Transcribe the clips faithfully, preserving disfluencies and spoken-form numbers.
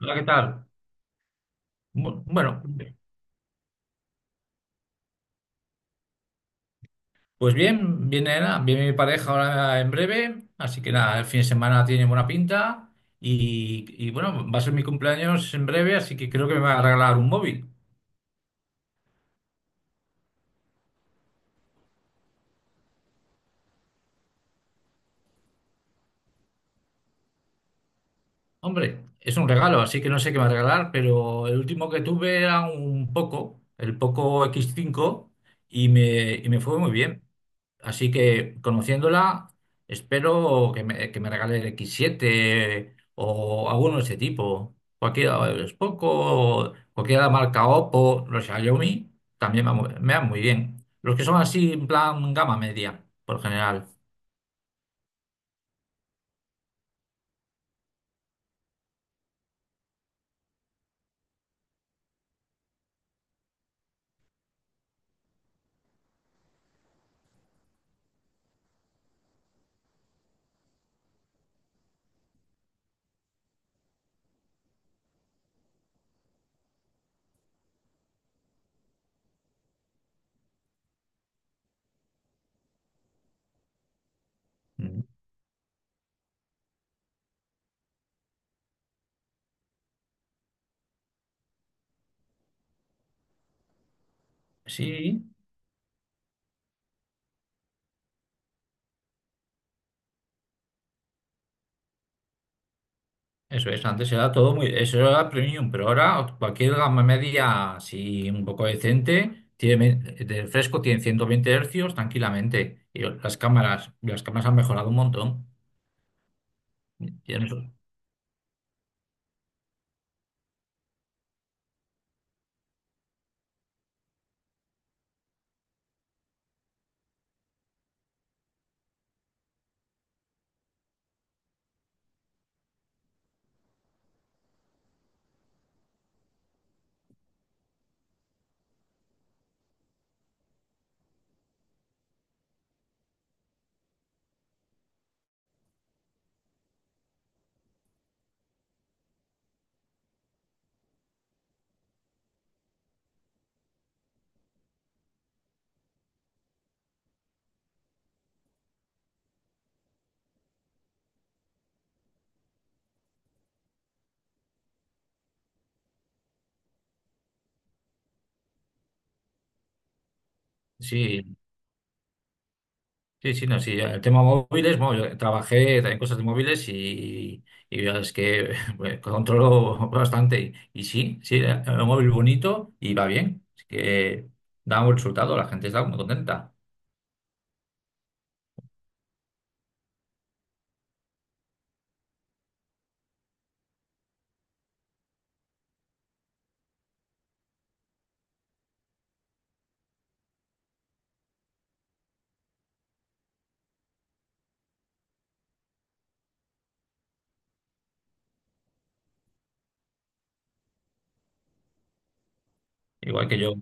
Hola, ¿qué tal? Bu- Bueno, pues bien, viene, nada, viene mi pareja ahora en breve, así que nada, el fin de semana tiene buena pinta y, y bueno, va a ser mi cumpleaños en breve, así que creo que me va a regalar un móvil. Hombre, es un regalo, así que no sé qué me va a regalar, pero el último que tuve era un Poco, el Poco x cinco y me, y me fue muy bien. Así que conociéndola, espero que me, que me regale el x siete o alguno de ese tipo. Cualquiera, es Poco, cualquiera de la marca Oppo, los Xiaomi, también me, va- me van muy bien. Los que son así en plan gama media, por general. Mm. Sí. Eso es, antes era todo muy, eso era premium, pero ahora cualquier gama media, si un poco decente, tiene, de fresco tiene ciento veinte hercios tranquilamente. Y las cámaras, las cámaras han mejorado un montón. Y en- Sí, sí, sí, no, sí. El tema móviles, bueno, yo trabajé también cosas de móviles y, y ya es que bueno, controlo bastante. Y, y sí, sí, el móvil bonito y va bien. Así que da un buen resultado, la gente está muy contenta. Igual que yo.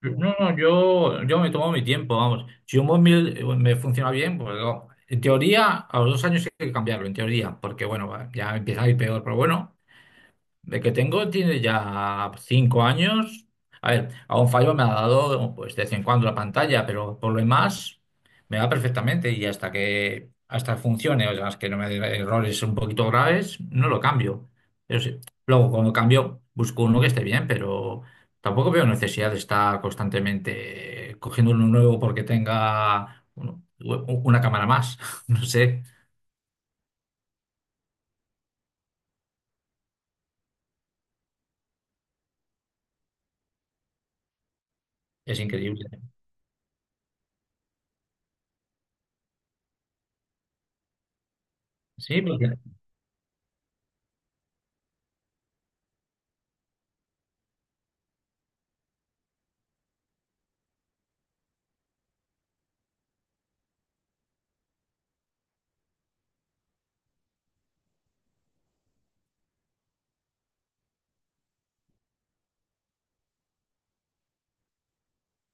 No, no, yo, yo me tomo mi tiempo, vamos. Si un móvil eh, me funciona bien, pues no. En teoría, a los dos años hay que cambiarlo, en teoría, porque bueno, va, ya empieza a ir peor, pero bueno, de que tengo tiene ya cinco años. A ver, a un fallo me ha dado pues de vez en cuando la pantalla, pero por lo demás me va perfectamente y hasta que hasta funcione, o sea, es que no me dé errores un poquito graves, no lo cambio. Pero sí, luego cuando cambio busco uno que esté bien, pero tampoco veo necesidad de estar constantemente cogiendo uno nuevo porque tenga uno- una cámara más. No sé, es increíble. Sí, porque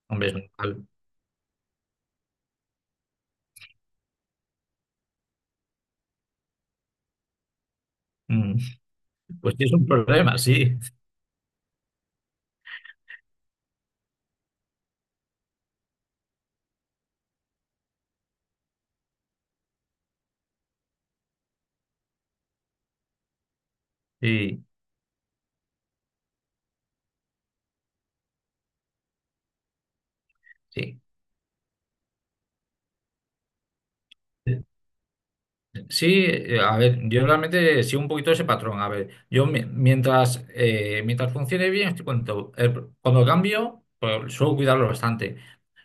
hombre, es normal. Mm. Pues sí, es un problema, sí. Sí, sí. Sí, eh, a ver, yo realmente sigo un poquito ese patrón. A ver, yo mi- mientras, eh, mientras funcione bien, estoy contento. El pro- cuando lo cambio, pues, suelo cuidarlo bastante.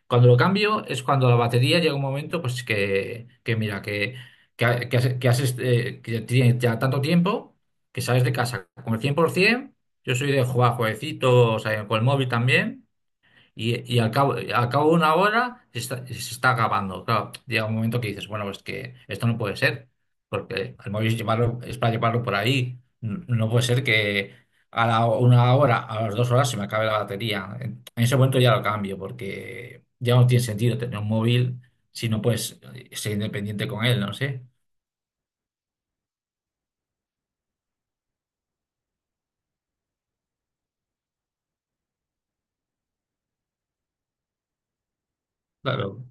Cuando lo cambio es cuando la batería llega un momento, pues que, que mira, que, que, ha- que, has- que has, este, que tienes ya tanto tiempo que sales de casa con el cien por ciento. Yo soy de jugar jueguecitos, eh, con el móvil también. Y, y al cabo, al cabo de una hora se está, se está acabando. Claro, llega un momento que dices, bueno, pues es que esto no puede ser, porque el móvil es, llevarlo, es para llevarlo por ahí. N- No puede ser que a la, una hora, a las dos horas se me acabe la batería. En, en ese momento ya lo cambio, porque ya no tiene sentido tener un móvil si no puedes eh, ser independiente con él, no sé. Claro,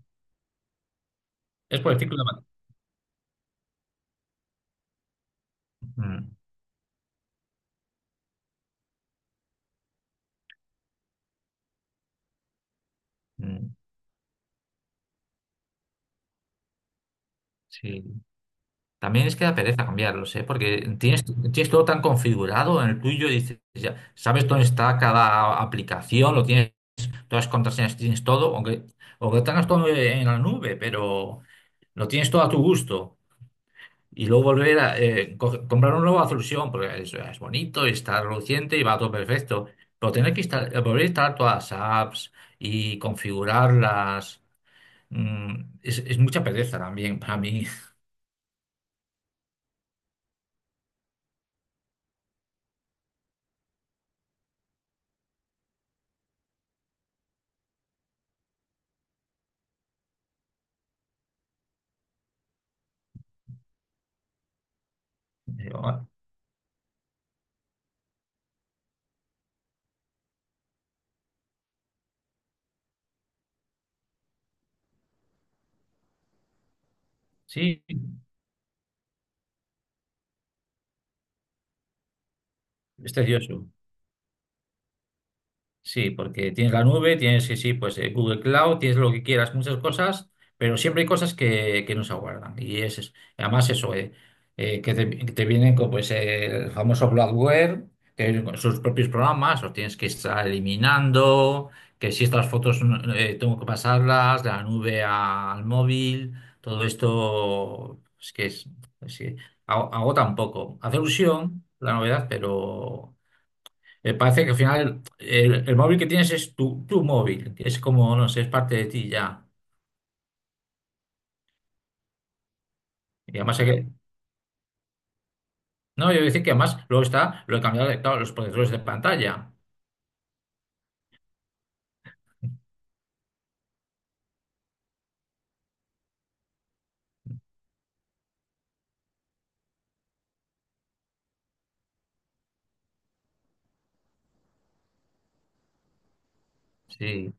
es por el ciclo de… bat- Mm, mm, sí. También es que da pereza cambiarlos, ¿eh? Porque tienes, tienes todo tan configurado en el tuyo, dices, ya sabes dónde está cada aplicación, lo tienes, todas las contraseñas tienes todo, aunque, aunque tengas todo en la nube, pero lo tienes todo a tu gusto. Y luego volver a eh, co- comprar una nueva solución, porque es, es bonito, y está reluciente y va todo perfecto. Pero tener que instalar- volver a instalar todas las apps y configurarlas, mm, es, es mucha pereza también para mí. Sí. Es tedioso, sí, porque tienes la nube, tienes, sí, sí, pues eh, Google Cloud, tienes lo que quieras, muchas cosas, pero siempre hay cosas que, que no se aguardan. Y es, es- además eso, eh, eh, que te, que te vienen con pues, eh, el famoso bloatware, que vienen con sus propios programas, los tienes que estar eliminando, que si estas fotos no- eh, tengo que pasarlas de la nube a- al móvil, todo esto es que es, es que ago- agota un poco. Hace ilusión la novedad, pero… Eh, parece que al final el, el móvil que tienes es tu, tu móvil, que es como, no sé, es parte de ti ya. Y además hay que… No, yo voy a decir que además luego está lo he cambiado de, claro, los protectores de pantalla. Sí.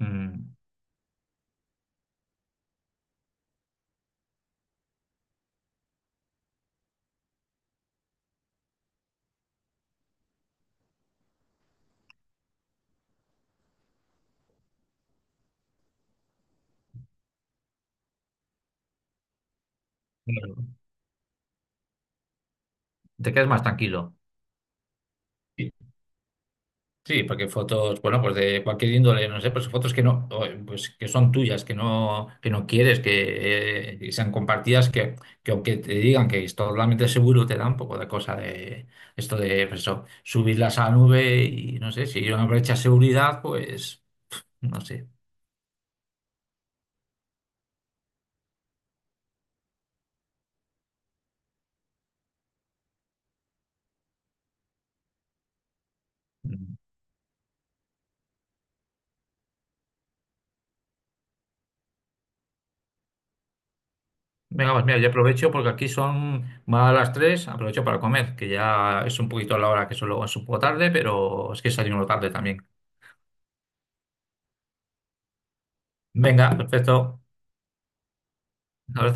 Mm. Bueno. Te quedas más tranquilo. Sí, porque fotos, bueno, pues de cualquier índole, no sé, pues fotos que no, o, pues que son tuyas, que no, que no quieres que, eh, que sean compartidas, que, que aunque te digan que es totalmente seguro, te da un poco de cosa de esto de pues eso, subirlas a la nube y no sé, si hay una brecha de seguridad, pues no sé. Venga, pues mira, yo aprovecho porque aquí son más a las tres, aprovecho para comer, que ya es un poquito la hora que solo es un poco tarde, pero es que salimos tarde también. Venga, perfecto. Ahora